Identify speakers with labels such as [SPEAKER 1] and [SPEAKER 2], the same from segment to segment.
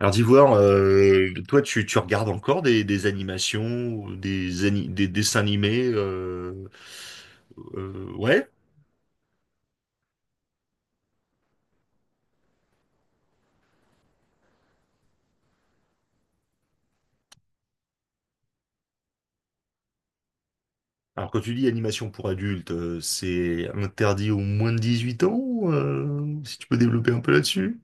[SPEAKER 1] Alors d'Ivoire, toi tu regardes encore des animations, ou des dessins animés ouais. Alors quand tu dis animation pour adultes, c'est interdit aux moins de 18 ans, si tu peux développer un peu là-dessus.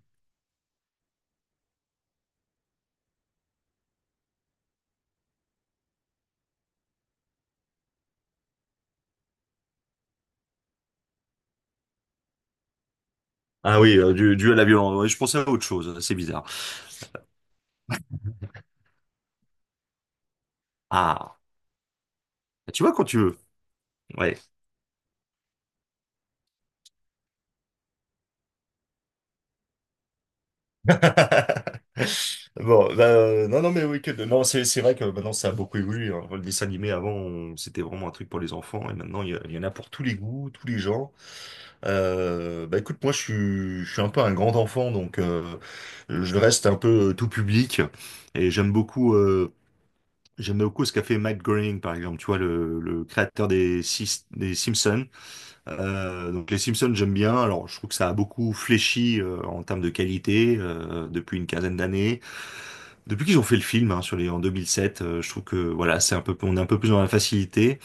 [SPEAKER 1] Ah oui, dû à la violence. Ouais, je pensais à autre chose, c'est bizarre. Ah, tu vois quand tu veux. Ouais. Bon, non, mais oui, non, c'est vrai que maintenant ça a beaucoup évolué, hein. Le dessin animé avant, c'était vraiment un truc pour les enfants, et maintenant il y en a pour tous les goûts, tous les genres. Bah écoute, je suis un peu un grand enfant, donc je reste un peu tout public, et j'aime beaucoup ce qu'a fait Matt Groening, par exemple, tu vois, le créateur des Simpsons. Donc les Simpsons, j'aime bien. Alors, je trouve que ça a beaucoup fléchi en termes de qualité depuis une quinzaine d'années. Depuis qu'ils ont fait le film hein, sur les en 2007, je trouve que voilà, c'est un peu, on est un peu plus dans la facilité.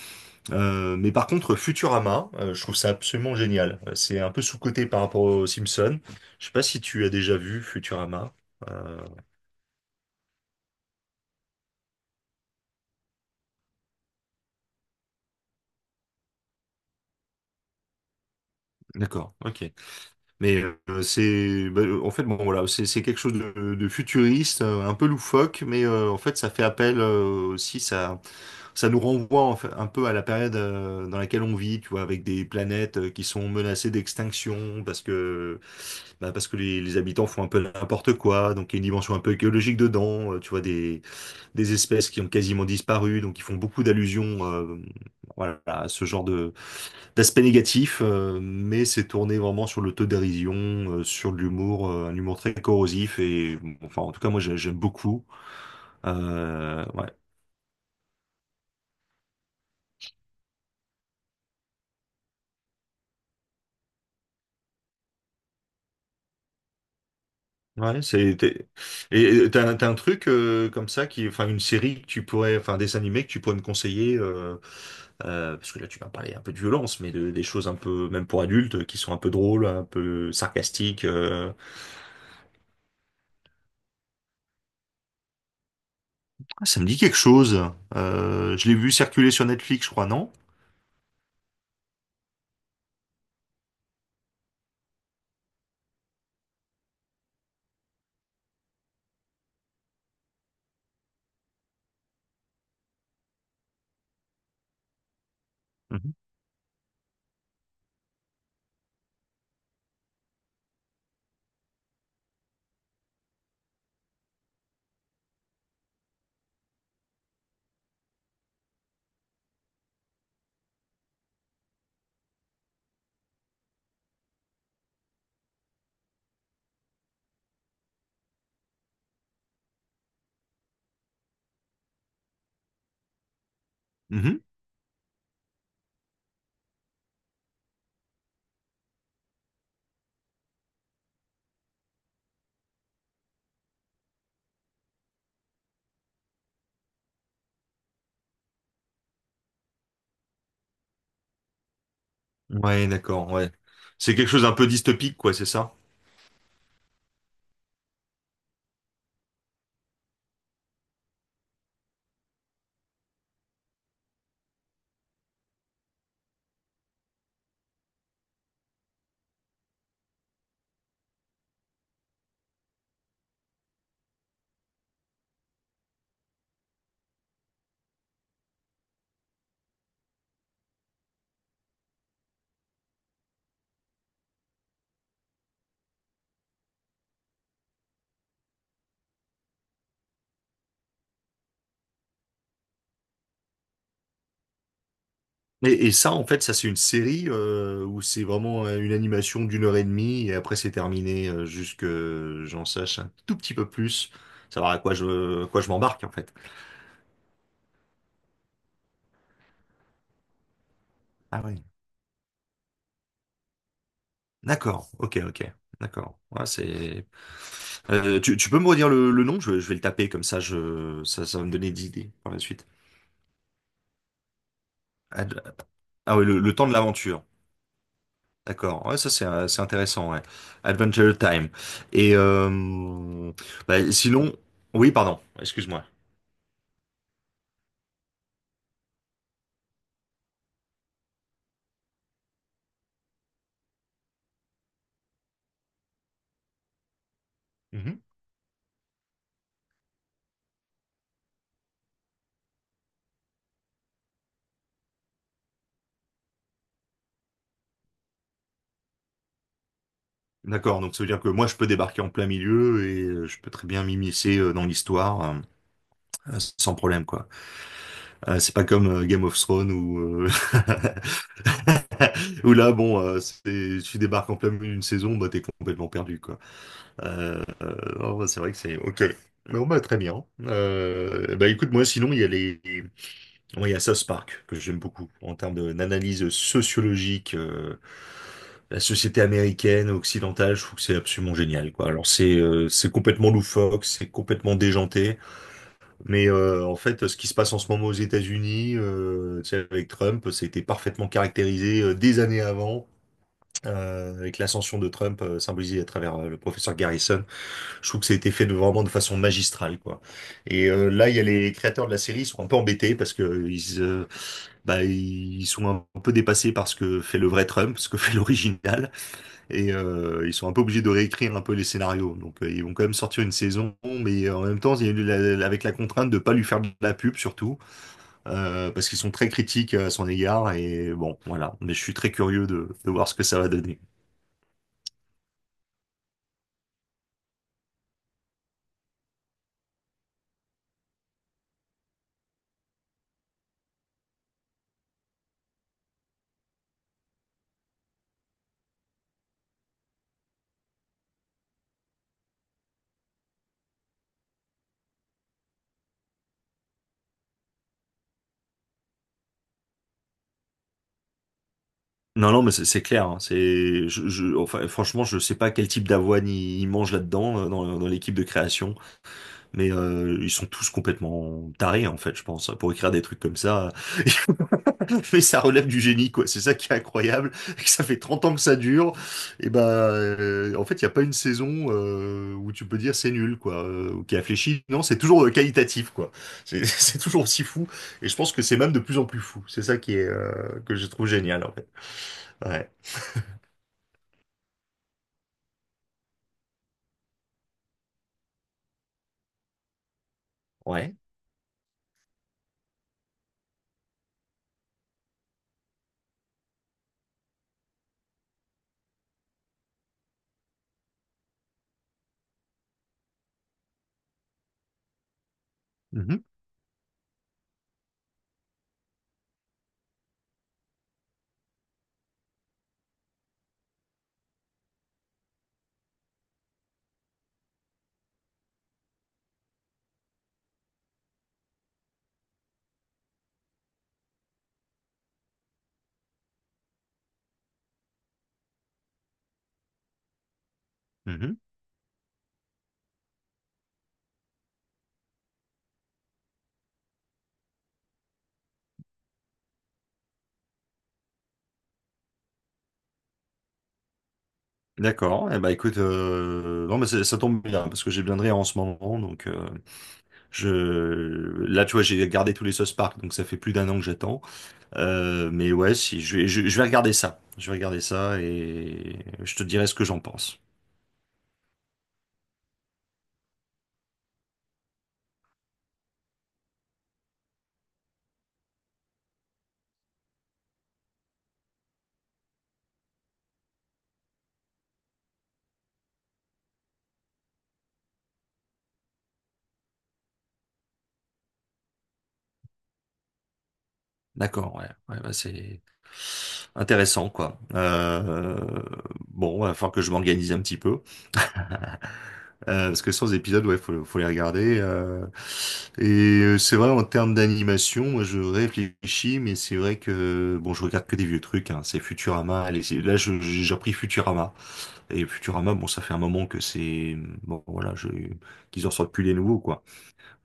[SPEAKER 1] Mais par contre, Futurama, je trouve ça absolument génial. C'est un peu sous-coté par rapport aux Simpsons. Je sais pas si tu as déjà vu Futurama. Euh, d'accord, ok. Mais en fait, bon voilà, c'est quelque chose de futuriste, un peu loufoque, mais en fait, ça fait appel aussi, ça nous renvoie en fait, un peu à la période dans laquelle on vit, tu vois, avec des planètes qui sont menacées d'extinction parce que, bah, parce que les habitants font un peu n'importe quoi, donc il y a une dimension un peu écologique dedans, tu vois, des espèces qui ont quasiment disparu, donc ils font beaucoup d'allusions, voilà, à ce genre de. L'aspect négatif, mais c'est tourné vraiment sur l'autodérision, sur l'humour, un humour très corrosif et bon, enfin en tout cas j'aime beaucoup. Euh, ouais, ouais, c'est t'es- et t'as un truc comme ça qui, enfin des animés que tu pourrais me conseiller parce que là tu m'as parlé un peu de violence, mais de, des choses un peu même pour adultes qui sont un peu drôles, un peu sarcastiques, Ah, ça me dit quelque chose. Je l'ai vu circuler sur Netflix, je crois, non? Mhm. Mhm. Ouais, d'accord, ouais. C'est quelque chose d'un peu dystopique, quoi, c'est ça? Et ça, en fait, ça, c'est une série où c'est vraiment une animation d'une heure et demie et après, c'est terminé jusque j'en sache un tout petit peu plus, savoir à quoi à quoi je m'embarque, en fait. Ah oui. D'accord, ok, ok, d'accord. Ouais, c'est… tu peux me redire le nom? Je vais le taper, comme ça, ça va me donner des idées par la suite. Ad- Ah oui, le temps de l'aventure. D'accord, ouais, ça c'est intéressant, ouais. Adventure Time. Et euh, sinon, oui, pardon, excuse-moi. Mhm. D'accord, donc ça veut dire que moi je peux débarquer en plein milieu et je peux très bien m'immiscer dans l'histoire sans problème, quoi. C'est pas comme Game of Thrones ou où là, bon, tu débarques en plein milieu d'une saison, bah t'es complètement perdu, quoi. Euh, euh, non, bah, c'est vrai que c'est ok. Bon, bah très bien. Bah écoute, moi sinon il y a les. Oui, il y a South Park, que j'aime beaucoup, en termes d'analyse sociologique, la société américaine, occidentale, je trouve que c'est absolument génial, quoi. Alors c'est complètement loufoque, c'est complètement déjanté, mais en fait, ce qui se passe en ce moment aux États-Unis, tu sais, avec Trump, ça a été parfaitement caractérisé des années avant, avec l'ascension de Trump, symbolisée à travers le professeur Garrison. Je trouve que ça a été fait de, vraiment de façon magistrale, quoi. Et là, il y a les créateurs de la série, ils sont un peu embêtés parce que bah, ils sont un peu dépassés par ce que fait le vrai Trump, ce que fait l'original, et ils sont un peu obligés de réécrire un peu les scénarios. Donc, ils vont quand même sortir une saison, mais en même temps, il y a eu avec la contrainte de pas lui faire de la pub surtout, parce qu'ils sont très critiques à son égard. Et bon, voilà. Mais je suis très curieux de voir ce que ça va donner. Non, non, mais c'est clair, hein. Enfin, franchement, je sais pas quel type d'avoine ils mangent là-dedans, dans l'équipe de création, mais ils sont tous complètement tarés, en fait, je pense, pour écrire des trucs comme ça. Mais ça relève du génie, quoi. C'est ça qui est incroyable. Ça fait 30 ans que ça dure. Et ben, en fait, il y a pas une saison où tu peux dire c'est nul, quoi, ou qui a fléchi. Non, c'est toujours qualitatif, quoi. C'est c'est toujours aussi fou. Et je pense que c'est même de plus en plus fou. C'est ça qui est que je trouve génial, en fait. Ouais. Ouais. Mhm, mhm. D'accord. Eh ben, écoute, non, mais ça tombe bien parce que j'ai bien de rire en ce moment. Donc, je tu vois, j'ai gardé tous les sauce Park, donc ça fait plus d'un an que j'attends. Mais ouais, si je vais, je vais regarder ça. Je vais regarder ça et je te dirai ce que j'en pense. D'accord. Ouais. Ouais, bah, c'est intéressant, quoi. Bon, il va falloir que je m'organise un petit peu. Parce que sans épisodes, ouais, faut les regarder, et c'est vrai, en termes d'animation, moi, je réfléchis, mais c'est vrai que bon, je regarde que des vieux trucs. Hein, c'est Futurama. Allez, j'ai repris Futurama. Et Futurama, bon, ça fait un moment que c'est bon, voilà, je, qu'ils en sortent plus les nouveaux, quoi.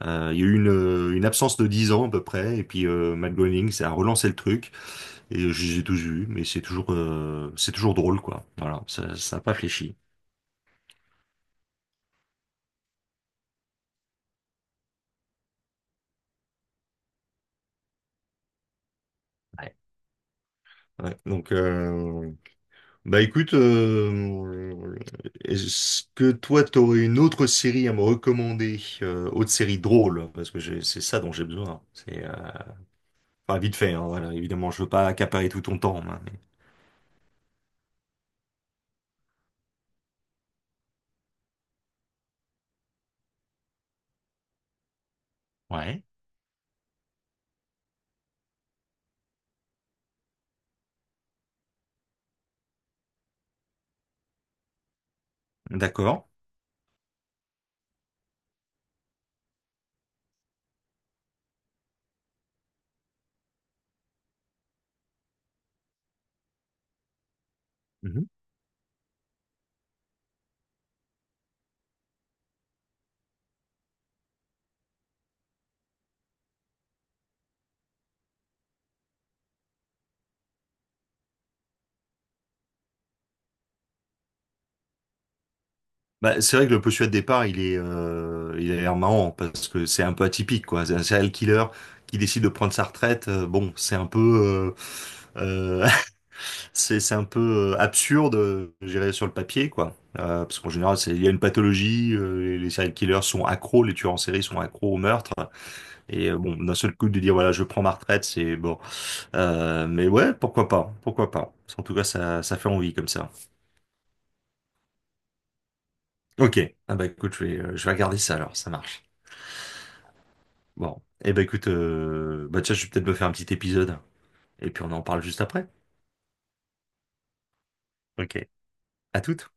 [SPEAKER 1] Il y a eu une absence de 10 ans à peu près, et puis Matt Groening, ça a relancé le truc. Et j'ai tout vu, mais c'est toujours drôle, quoi. Voilà, ça a pas fléchi. Ouais. Ouais, donc. Euh… Bah écoute, est-ce que toi t'aurais une autre série à me recommander, autre série drôle, parce que c'est ça dont j'ai besoin. C'est enfin vite fait, hein, voilà. Évidemment, je veux pas accaparer tout ton temps, hein, mais. Ouais. D'accord. Bah, c'est vrai que le postulat de départ, il a l'air marrant parce que c'est un peu atypique, quoi. C'est un serial killer qui décide de prendre sa retraite, bon, c'est un peu, euh, euh, c'est un peu absurde, je dirais, sur le papier, quoi. Parce qu'en général, il y a une pathologie, les serial killers sont accros, les tueurs en série sont accros au meurtre. Et bon, d'un seul coup de dire voilà, je prends ma retraite, c'est bon. Mais ouais, pourquoi pas, pourquoi pas. En tout cas, ça fait envie comme ça. Ok. Ah bah écoute, je vais regarder ça alors. Ça marche. Bon. Eh ben écoute, tiens, je vais peut-être me faire un petit épisode. Et puis on en parle juste après. Ok. À toutes.